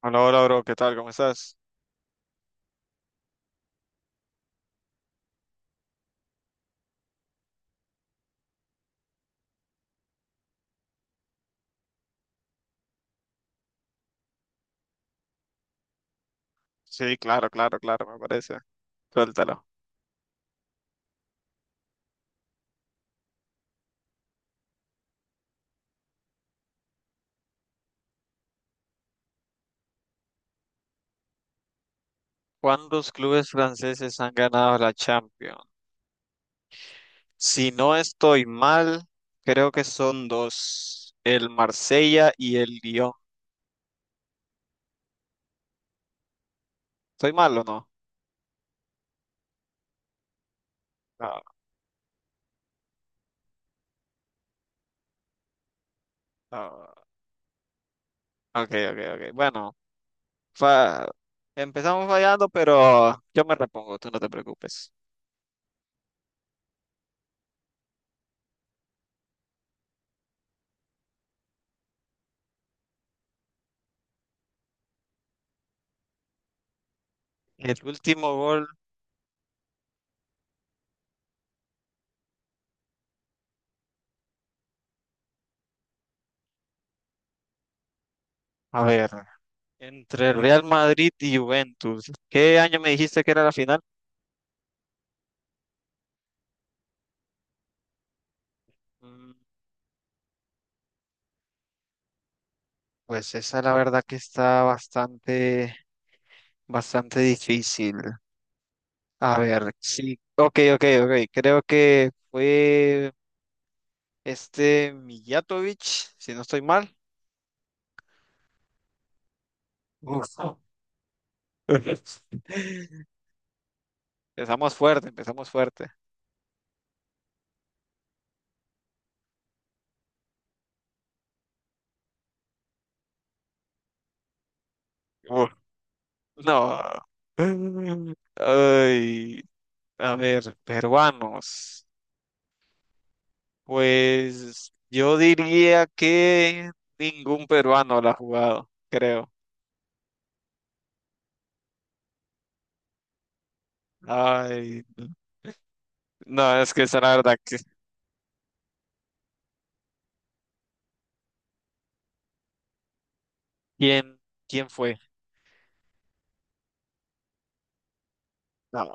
Hola, hola, bro, ¿qué tal? ¿Cómo estás? Sí, claro, claro, claro, me parece. Suéltalo. ¿Cuántos clubes franceses han ganado la Champions? Si no estoy mal, creo que son dos, el Marsella y el Lyon. ¿Estoy mal o no? No, no. Ok, ok, ok. Bueno, fa- empezamos fallando, pero yo me repongo, tú no te preocupes. El último gol, a ver, entre el Real Madrid y Juventus. ¿Qué año me dijiste que era la final? Pues esa la verdad que está bastante, bastante difícil. A ver, sí, ok, ok, ok. Creo que fue este Mijatovic, si no estoy mal. Uf. Empezamos fuerte, empezamos fuerte. Uf, no. Ay, a ver, peruanos. Pues yo diría que ningún peruano la ha jugado, creo. Ay. No, es que esa la verdad que ¿quién, quién fue? No,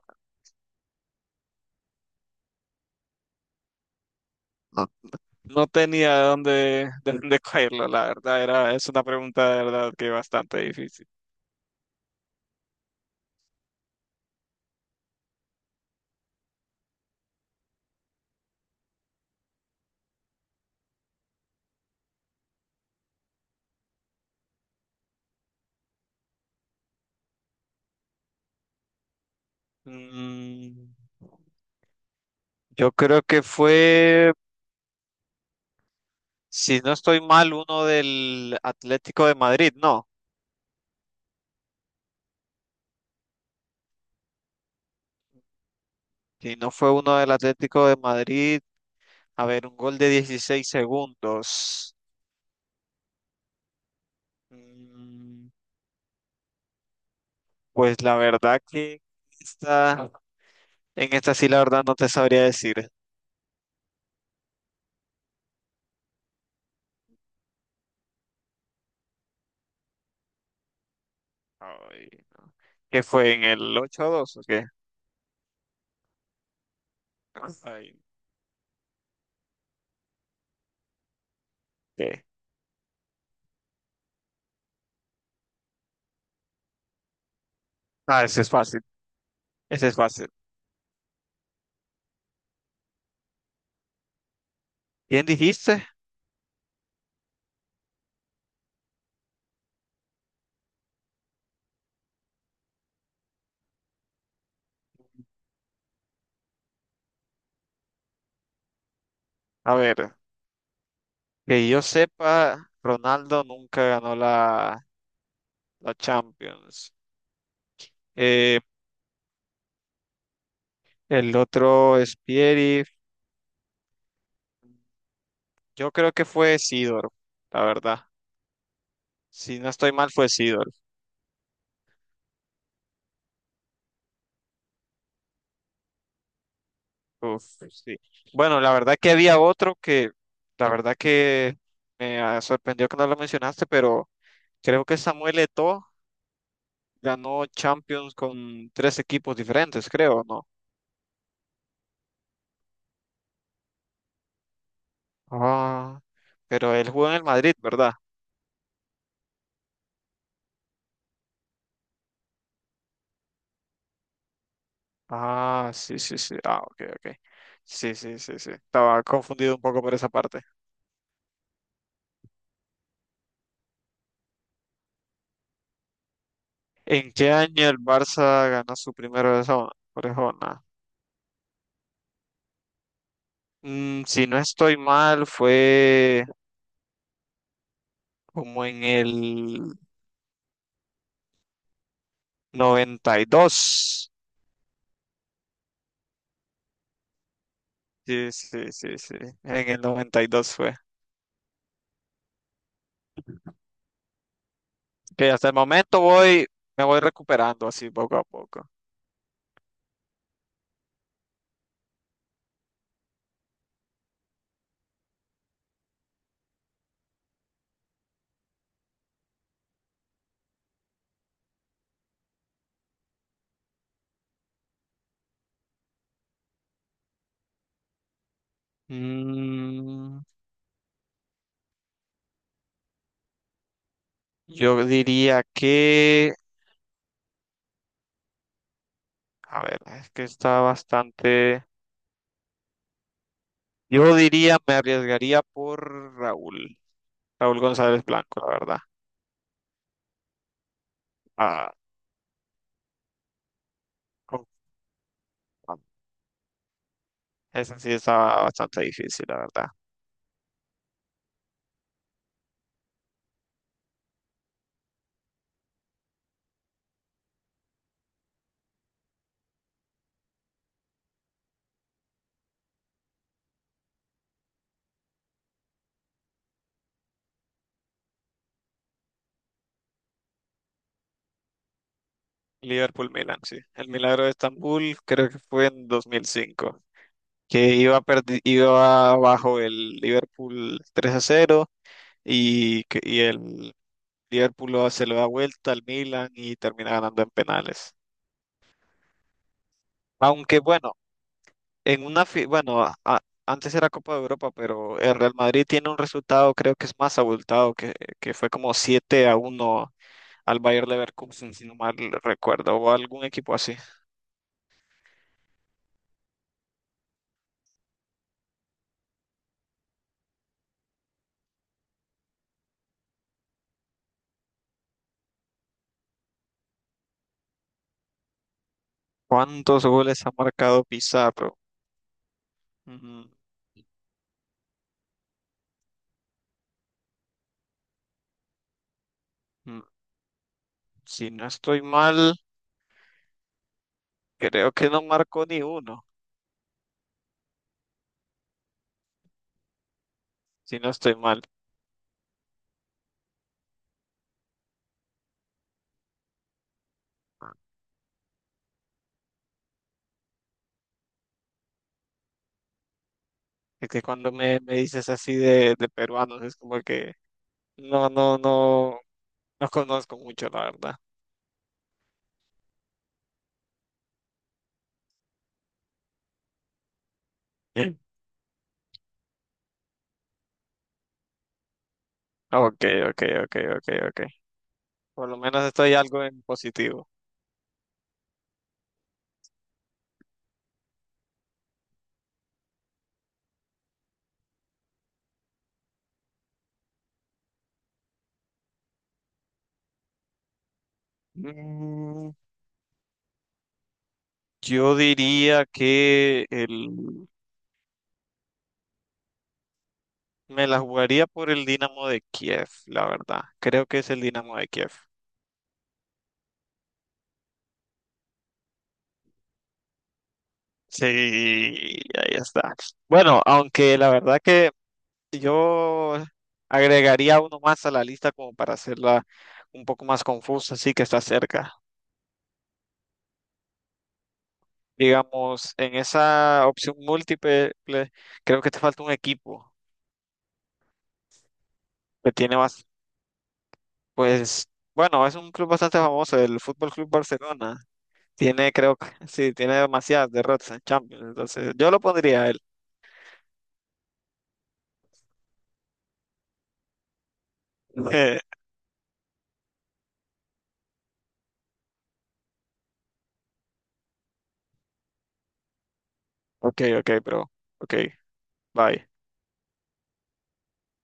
no, no tenía de dónde cogerlo, la verdad, era, es una pregunta de verdad que bastante difícil. Mm, yo creo que fue, si no estoy mal, uno del Atlético de Madrid, no. Si no fue uno del Atlético de Madrid, a ver, un gol de 16 segundos. Mm, pues la verdad que esta, en esta sí la verdad no te sabría decir. Ay. Que fue en el 8 dos, ¿o qué? Ay, ¿qué? Ah, ese es fácil, ese es fácil. ¿Quién dijiste? A ver, que yo sepa, Ronaldo nunca ganó la Champions. Eh, el otro es Pieri, yo creo que fue Sidor, la verdad. Si no estoy mal, fue Sidor. Uf, sí. Bueno, la verdad que había otro que, la verdad que me sorprendió que no lo mencionaste, pero creo que Samuel Eto'o ganó Champions con tres equipos diferentes, creo, ¿no? Ah, pero él jugó en el Madrid, ¿verdad? Ah, sí, sí, sí. Ah, ok, ok. Sí, sí, sí, sí. Estaba confundido un poco por esa parte. ¿En qué año el Barça ganó su primera orejona? Si no estoy mal, fue como en el 92. Sí, sí, sí, sí. En el 92 fue. Que hasta el momento me voy recuperando así poco a poco. Mm, yo diría que, a ver, es que está bastante. Me arriesgaría por Raúl, Raúl González Blanco, la verdad. Ah, con- ah, esa sí estaba bastante difícil, la verdad. Liverpool Milan, sí. El milagro de Estambul creo que fue en 2005. Que iba abajo el Liverpool 3-0 y el Liverpool se lo da vuelta al Milan y termina ganando en penales. Aunque bueno, en una fi- bueno, a- antes era Copa de Europa, pero el Real Madrid tiene un resultado creo que es más abultado, que fue como 7-1 al Bayer Leverkusen, si no mal recuerdo, o algún equipo así. ¿Cuántos goles ha marcado Pizarro? Ujú, ujú. Si no estoy mal, creo que no marcó ni uno, si no estoy mal. Es que cuando me dices así de peruanos, es como que no, no, no. No conozco mucho, la verdad. Ok, ok, ok, ok, ok. Por lo menos estoy algo en positivo. Mm, yo diría que me la jugaría por el Dinamo de Kiev, la verdad. Creo que es el Dinamo de Kiev. Sí, ahí está. Bueno, aunque la verdad que yo agregaría uno más a la lista como para hacerla un poco más confusa, así que está cerca. Digamos, en esa opción múltiple, creo que te falta un equipo que tiene más, pues, bueno, es un club bastante famoso, el Fútbol Club Barcelona. Tiene, creo que, sí, tiene demasiadas derrotas en Champions. Entonces, yo lo pondría a él. Eh, ok, ok, bro. Ok, bye.